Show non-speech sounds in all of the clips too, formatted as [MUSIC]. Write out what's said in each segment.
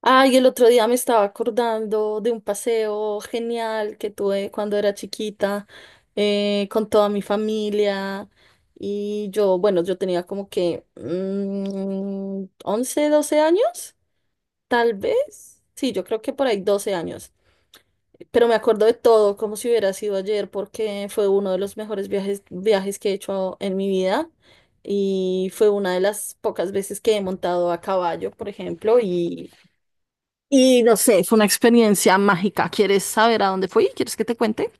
Ay, el otro día me estaba acordando de un paseo genial que tuve cuando era chiquita, con toda mi familia. Y yo, bueno, yo tenía como que 11, 12 años, tal vez. Sí, yo creo que por ahí 12 años. Pero me acuerdo de todo, como si hubiera sido ayer, porque fue uno de los mejores viajes que he hecho en mi vida. Y fue una de las pocas veces que he montado a caballo, por ejemplo, y no sé, fue una experiencia mágica. ¿Quieres saber a dónde fui? ¿Quieres que te cuente?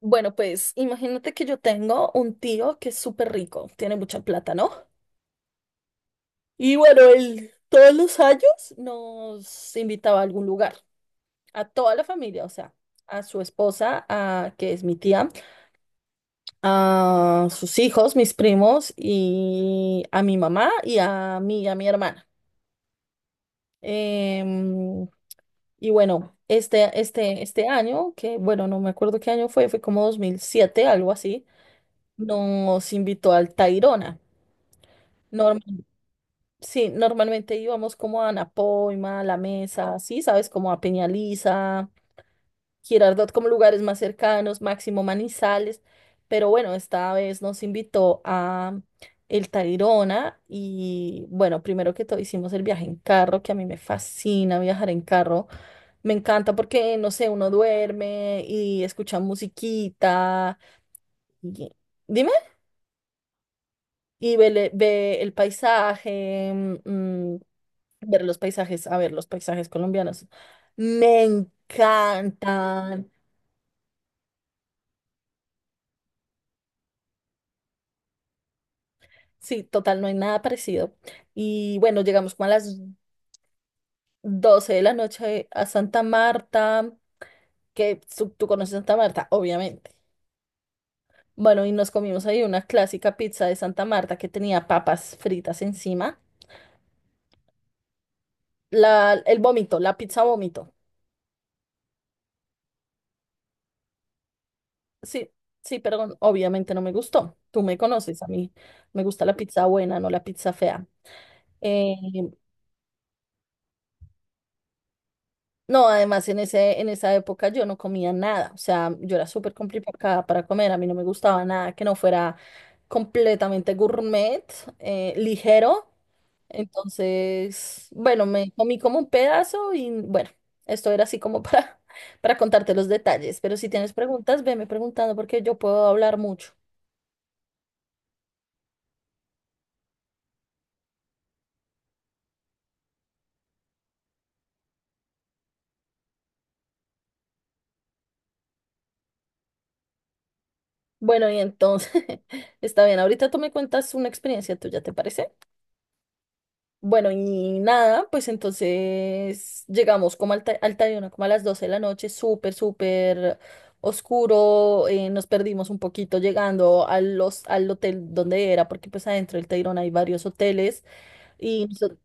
Bueno, pues imagínate que yo tengo un tío que es súper rico, tiene mucha plata, ¿no? Y bueno, él todos los años nos invitaba a algún lugar, a toda la familia, o sea, a su esposa, a, que es mi tía, a sus hijos, mis primos, y a mi mamá y a mí y a mi hermana. Em, y bueno, este año, que bueno, no me acuerdo qué año fue, fue como 2007 algo así, nos invitó al Tayrona. Norm- sí, normalmente íbamos como a Anapoima, La Mesa, sí, sabes, como a Peñaliza, Girardot, como lugares más cercanos, Máximo Manizales, pero bueno, esta vez nos invitó a el Tayrona y bueno, primero que todo hicimos el viaje en carro, que a mí me fascina viajar en carro. Me encanta porque, no sé, uno duerme y escucha musiquita. y- Dime, y ve, ve el paisaje, mm, ver los paisajes, a ver, los paisajes colombianos. Me encantan. Sí, total, no hay nada parecido. Y bueno, llegamos como a las 12 de la noche a Santa Marta, que tú conoces Santa Marta, obviamente. Bueno, y nos comimos ahí una clásica pizza de Santa Marta que tenía papas fritas encima. La, el vómito, la pizza vómito. Sí, sí, perdón, obviamente no me gustó. Tú me conoces, a mí me gusta la pizza buena, no la pizza fea. Eh, no, además en ese, en esa época yo no comía nada, o sea, yo era súper complicada para comer, a mí no me gustaba nada que no fuera completamente gourmet, ligero. Entonces, bueno, me comí como un pedazo y bueno, esto era así como para, [LAUGHS] para contarte los detalles, pero si tienes preguntas, veme preguntando porque yo puedo hablar mucho. Bueno, y entonces, [LAUGHS] está bien, ahorita tú me cuentas una experiencia tuya, ¿te parece? Bueno, y nada, pues entonces llegamos como al, al Tayrona, como a las 12 de la noche, súper, súper oscuro, nos perdimos un poquito llegando a los, al hotel donde era, porque pues adentro del Tayrona hay varios hoteles, y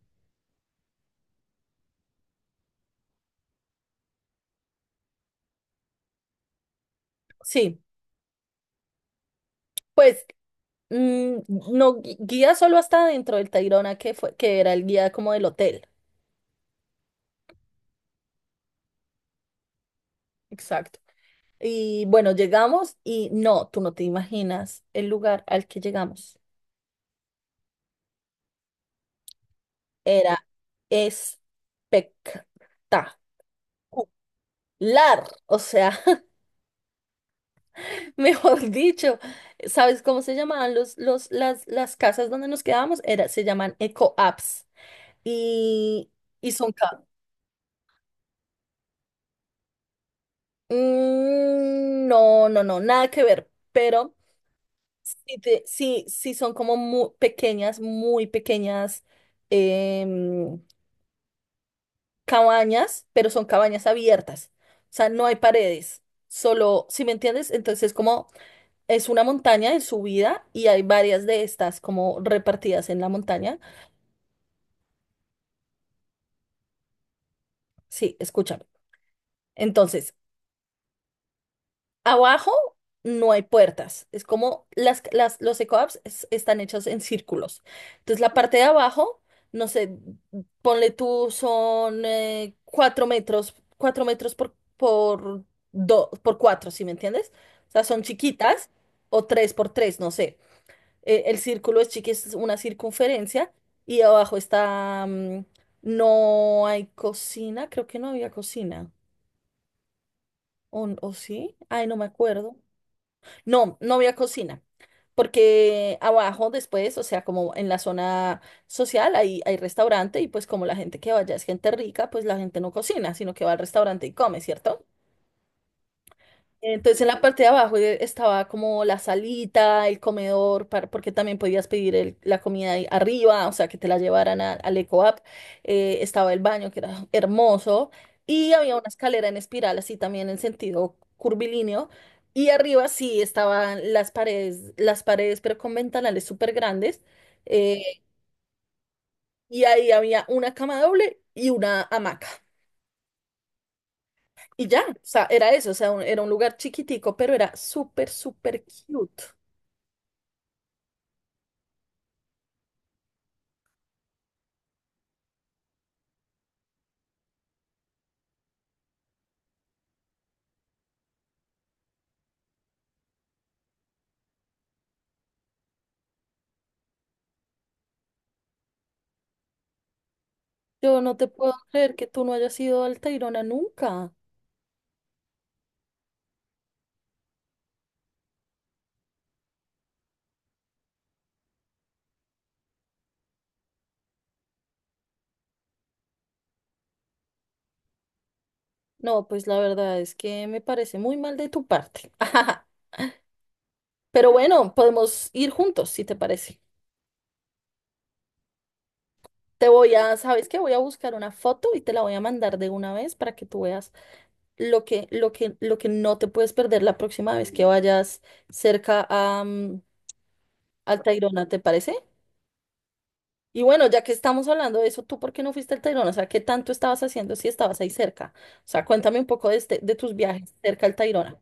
sí, pues no, guía solo hasta dentro del Tayrona, que fue, que era el guía como del hotel. Exacto. Y bueno, llegamos y no, tú no te imaginas el lugar al que llegamos. Era espectacular. O sea, [LAUGHS] mejor dicho, ¿sabes cómo se llamaban los, las casas donde nos quedábamos? Era, se llaman eco-apps. Y, y son... No, nada que ver. Pero sí, sí, sí son como muy pequeñas em, cabañas, pero son cabañas abiertas. O sea, no hay paredes, solo, ¿si me entiendes? Entonces, como es una montaña en subida y hay varias de estas como repartidas en la montaña. Sí, escúchame. Entonces, abajo no hay puertas. Es como las, los eco-apps están hechos en círculos. Entonces, la parte de abajo, no sé, ponle tú, son 4 metros, cuatro metros por, por 4, ¿sí me entiendes? O sea, son chiquitas o 3 por 3, no sé. El círculo es chiqui, es una circunferencia y abajo está, no hay cocina, creo que no había cocina. O sí? Ay, no me acuerdo. No, no había cocina, porque abajo después, o sea, como en la zona social hay, hay restaurante y pues como la gente que vaya es gente rica, pues la gente no cocina, sino que va al restaurante y come, ¿cierto? Entonces en la parte de abajo estaba como la salita, el comedor, porque también podías pedir la comida ahí arriba, o sea, que te la llevaran al eco App. Estaba el baño, que era hermoso, y había una escalera en espiral, así también en sentido curvilíneo. Y arriba sí estaban las paredes, pero con ventanales súper grandes. eh, y ahí había una cama doble y una hamaca. Y ya, o sea, era eso, o sea, era un lugar chiquitico, pero era súper, súper cute. Yo no te puedo creer que tú no hayas ido al Tayrona nunca. No, pues la verdad es que me parece muy mal de tu parte. [LAUGHS] Pero bueno, podemos ir juntos, si te parece. Te voy a, ¿sabes qué? Voy a buscar una foto y te la voy a mandar de una vez para que tú veas lo que, lo que, lo que no te puedes perder la próxima vez que vayas cerca a, al Tayrona, ¿te parece? Y bueno, ya que estamos hablando de eso, ¿tú por qué no fuiste al Tayrona? O sea, ¿qué tanto estabas haciendo si estabas ahí cerca? O sea, cuéntame un poco de, este, de tus viajes cerca al Tayrona.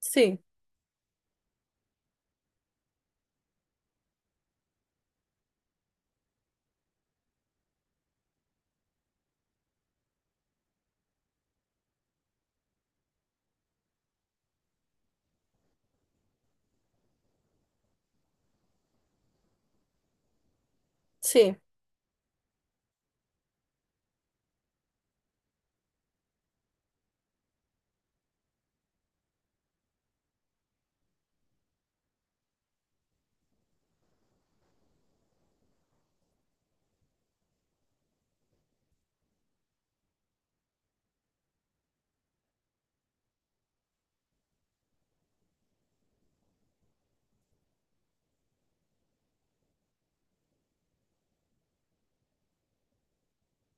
Sí, sí,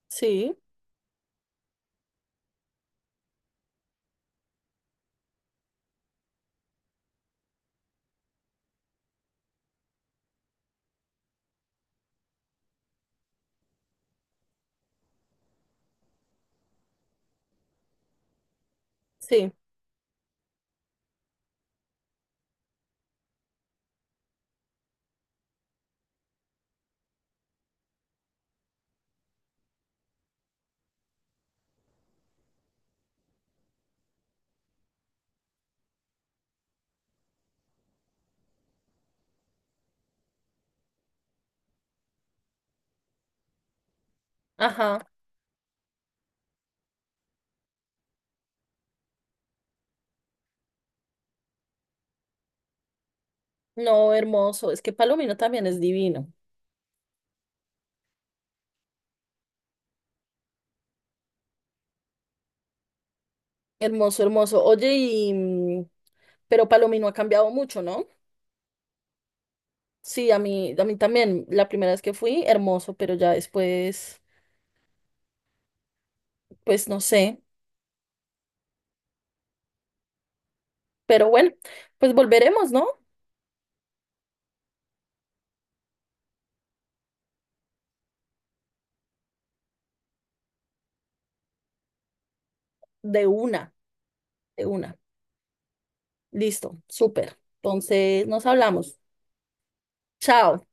sí, sí. Ajá. No, hermoso. Es que Palomino también es divino. Hermoso, hermoso. Oye, y pero Palomino ha cambiado mucho, ¿no? Sí, a mí también. La primera vez que fui, hermoso, pero ya después, pues no sé. Pero bueno, pues volveremos, ¿no? De una, de una. Listo, súper. Entonces, nos hablamos. Chao.